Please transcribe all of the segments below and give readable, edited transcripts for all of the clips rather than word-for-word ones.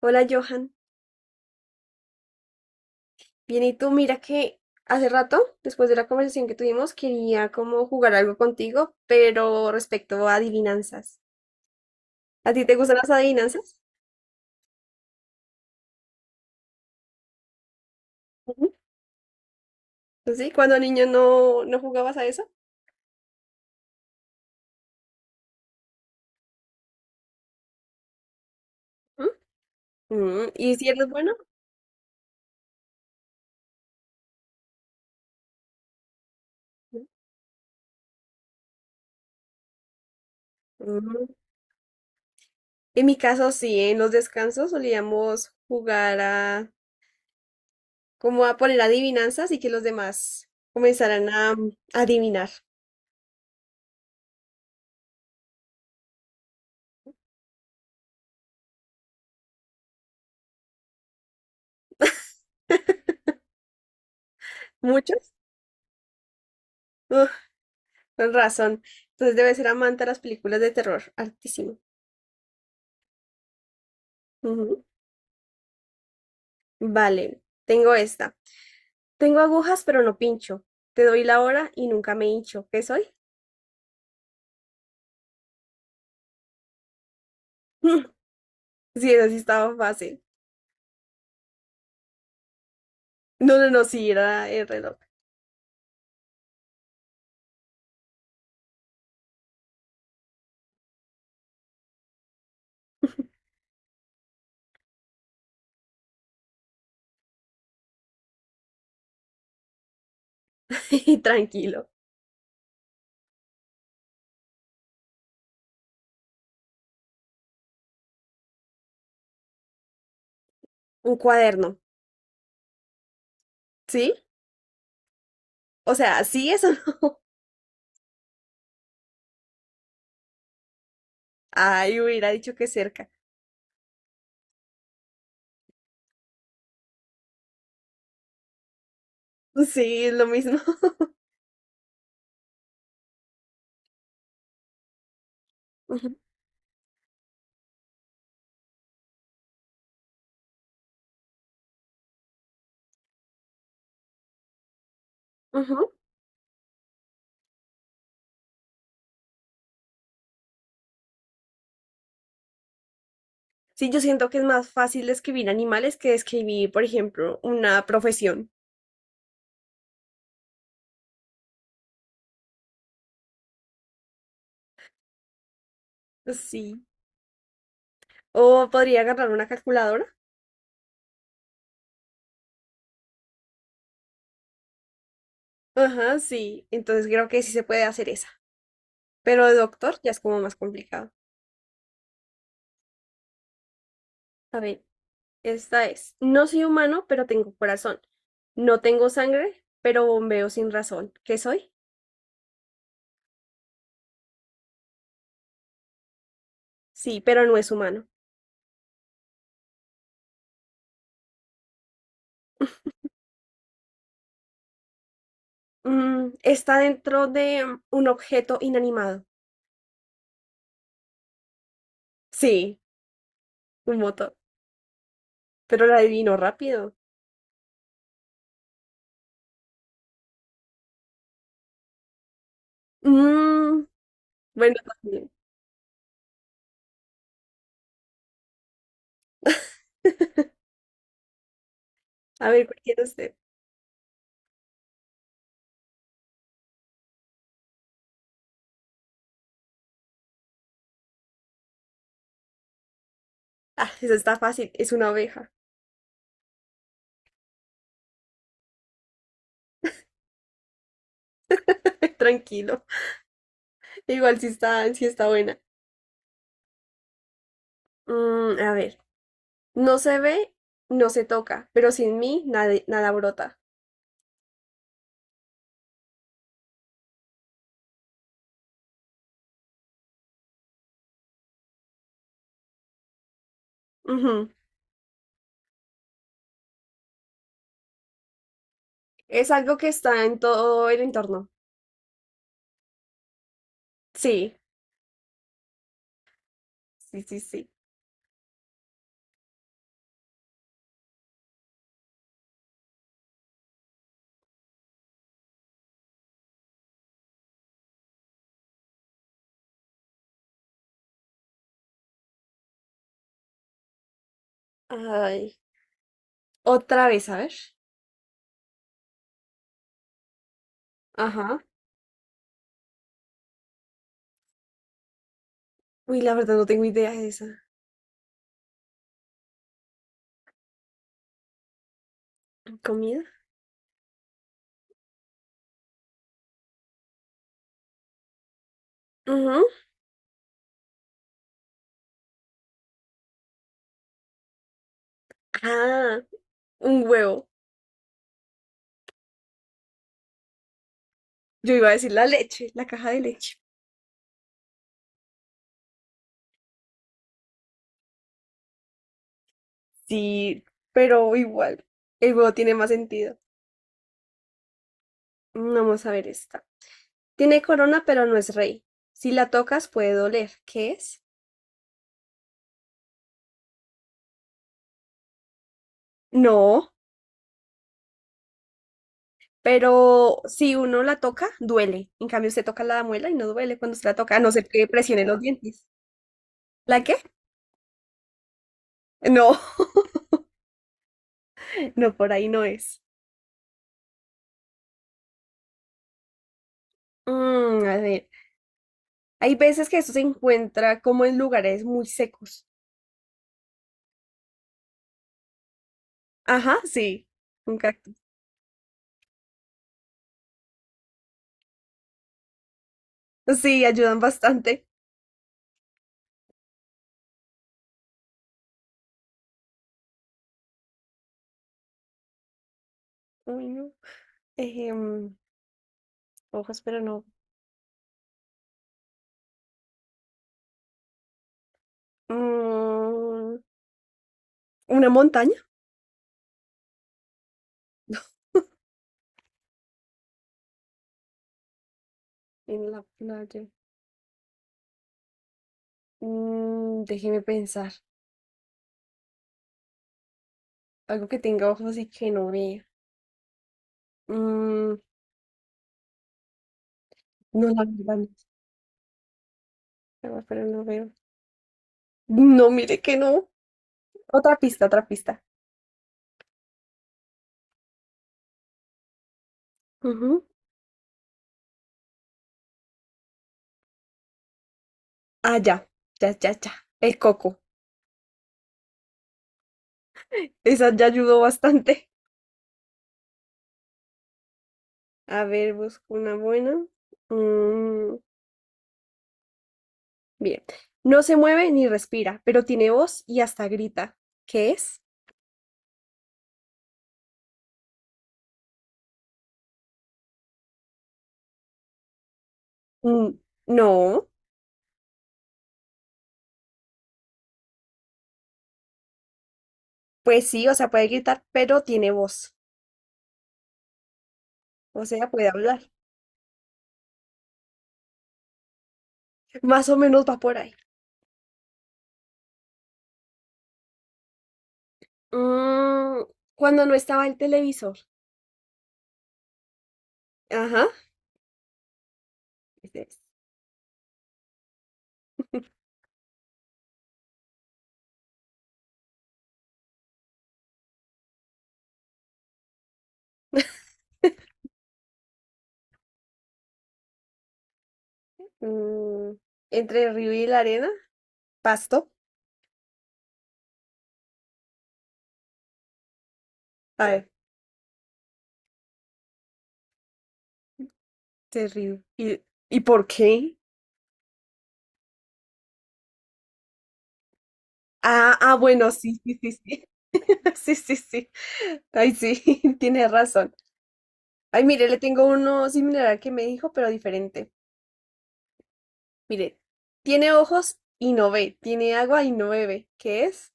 Hola Johan, bien y tú, mira que hace rato, después de la conversación que tuvimos, quería como jugar algo contigo, pero respecto a adivinanzas. ¿A ti te gustan las adivinanzas? Ujú. ¿Sí? ¿Cuando niño no jugabas a eso? ¿Mm? ¿Y si eres bueno? Mm. En mi caso sí, en los descansos solíamos jugar a como a poner adivinanzas y que los demás comenzaran a adivinar. ¿Muchos? Con razón. Entonces debe ser amante a las películas de terror. Altísimo. Ujú. Vale, tengo esta. Tengo agujas, pero no pincho. Te doy la hora y nunca me hincho. ¿Qué soy? Sí, eso sí estaba fácil. No, no, no, sí, era el reloj. Tranquilo. Un cuaderno. ¿Sí? O sea, sí, eso no. Ay, hubiera dicho que cerca. Sí, es lo mismo. Ujú, ujú. Sí, yo siento que es más fácil escribir animales que escribir por ejemplo, una profesión. Sí. O podría agarrar una calculadora. Ajá, sí. Entonces creo que sí se puede hacer esa. Pero de doctor ya es como más complicado. A ver, esta es. No soy humano, pero tengo corazón. No tengo sangre, pero bombeo sin razón. ¿Qué soy? Sí, pero no es humano. Mm, está dentro de un objeto inanimado. Sí, un motor. Pero la adivino rápido. Mm, bueno, también. A ver, ¿cuál quiere usted? Ah, esa está fácil. Es una oveja. Tranquilo. Igual sí está buena. A ver, no se ve, no se toca, pero sin mí nada, nada brota. Ujú. Es algo que está en todo el entorno. Sí, sí, sí, sí. Ay, otra vez, a ver. Ajá. Uy, la verdad no tengo idea de esa. ¿Comida? Ujú. Ah, un huevo. Yo iba a decir la leche, la caja de leche. Sí, pero igual, el huevo tiene más sentido. Vamos a ver esta. Tiene corona, pero no es rey. Si la tocas puede doler. ¿Qué es? No, pero si uno la toca, duele. En cambio, usted toca la muela y no duele cuando se la toca, a no ser que presione los dientes. ¿La qué? No, no, por ahí no es. A ver, hay veces que esto se encuentra como en lugares muy secos. Ajá, sí, un cactus. Sí, ayudan bastante. Uy, no. Ejem, hojas, pero no. Mm, ¿Una montaña? En la playa. Déjeme pensar. Algo que tenga ojos y que no vea. Mm, no, la verdad no. Pero no veo. No, mire que no. Otra pista, otra pista. Ujú. Ah, ya. Ya, ya, ya. El coco. Esa ya ayudó bastante. A ver, busco una buena. Mm, bien. No se mueve ni respira, pero tiene voz y hasta grita. ¿Qué es? Mm, no. Pues sí, o sea, puede gritar, pero tiene voz. O sea, puede hablar. Más o menos va por ahí. Mm, cuando no estaba el televisor. Ajá. Ese es. Mm, entre el río y la arena. Pasto. A ver. Terrible. Y por qué? Ah, ah, bueno, sí, sí, sí, sí. Sí, sí, sí. Ay, sí, tiene razón. Ay, mire, le tengo uno similar al que me dijo, pero diferente. Mire, tiene ojos y no ve, tiene agua y no bebe. ¿Qué es?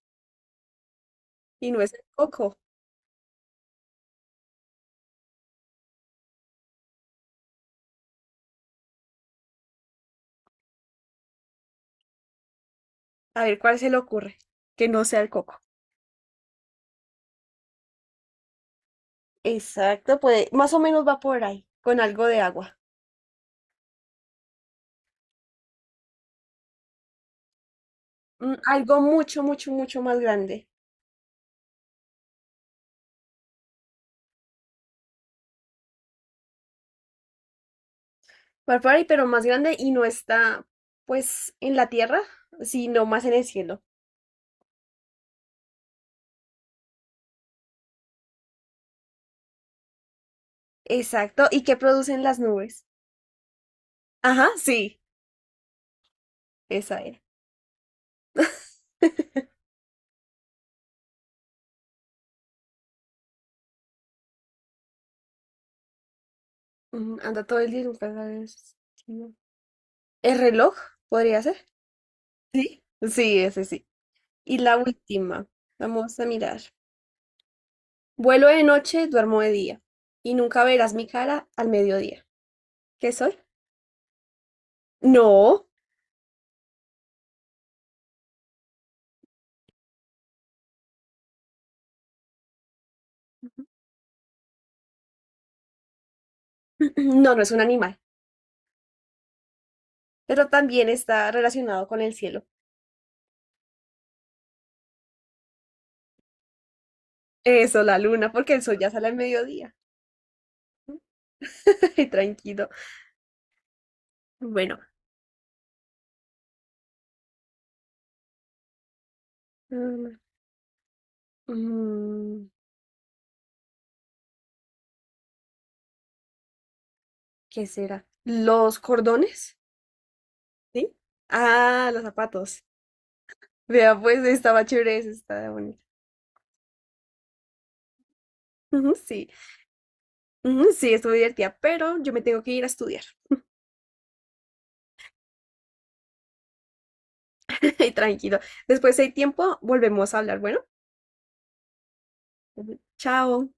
Y no es el coco. A ver, ¿cuál se le ocurre? Que no sea el coco. Exacto, puede, más o menos va por ahí, con algo de agua. Algo mucho, mucho, mucho más grande. Va por ahí, pero más grande y no está, pues, en la tierra, sino más en el cielo. Exacto, ¿y qué producen las nubes? Ajá, sí, esa era. Ujú, anda todo el día y nunca sabes. Si no. ¿El reloj? ¿Podría ser? Sí. Sí, ese sí. Y la última, vamos a mirar. Vuelo de noche, duermo de día. Y nunca verás mi cara al mediodía. ¿Qué soy? No. No, no es un animal, pero también está relacionado con el cielo. Eso, la luna, porque el sol ya sale al mediodía. Ay, tranquilo. Bueno, mm, mm, ¿qué será? ¿Los cordones? ¿Sí? Ah, los zapatos. Vea, pues estaba chévere, esa, estaba bonita. Ujú, sí, ujú, sí, estuvo divertida, pero yo me tengo que ir a estudiar. Ay, tranquilo. Después, si hay tiempo, volvemos a hablar. Bueno, ujú, chao.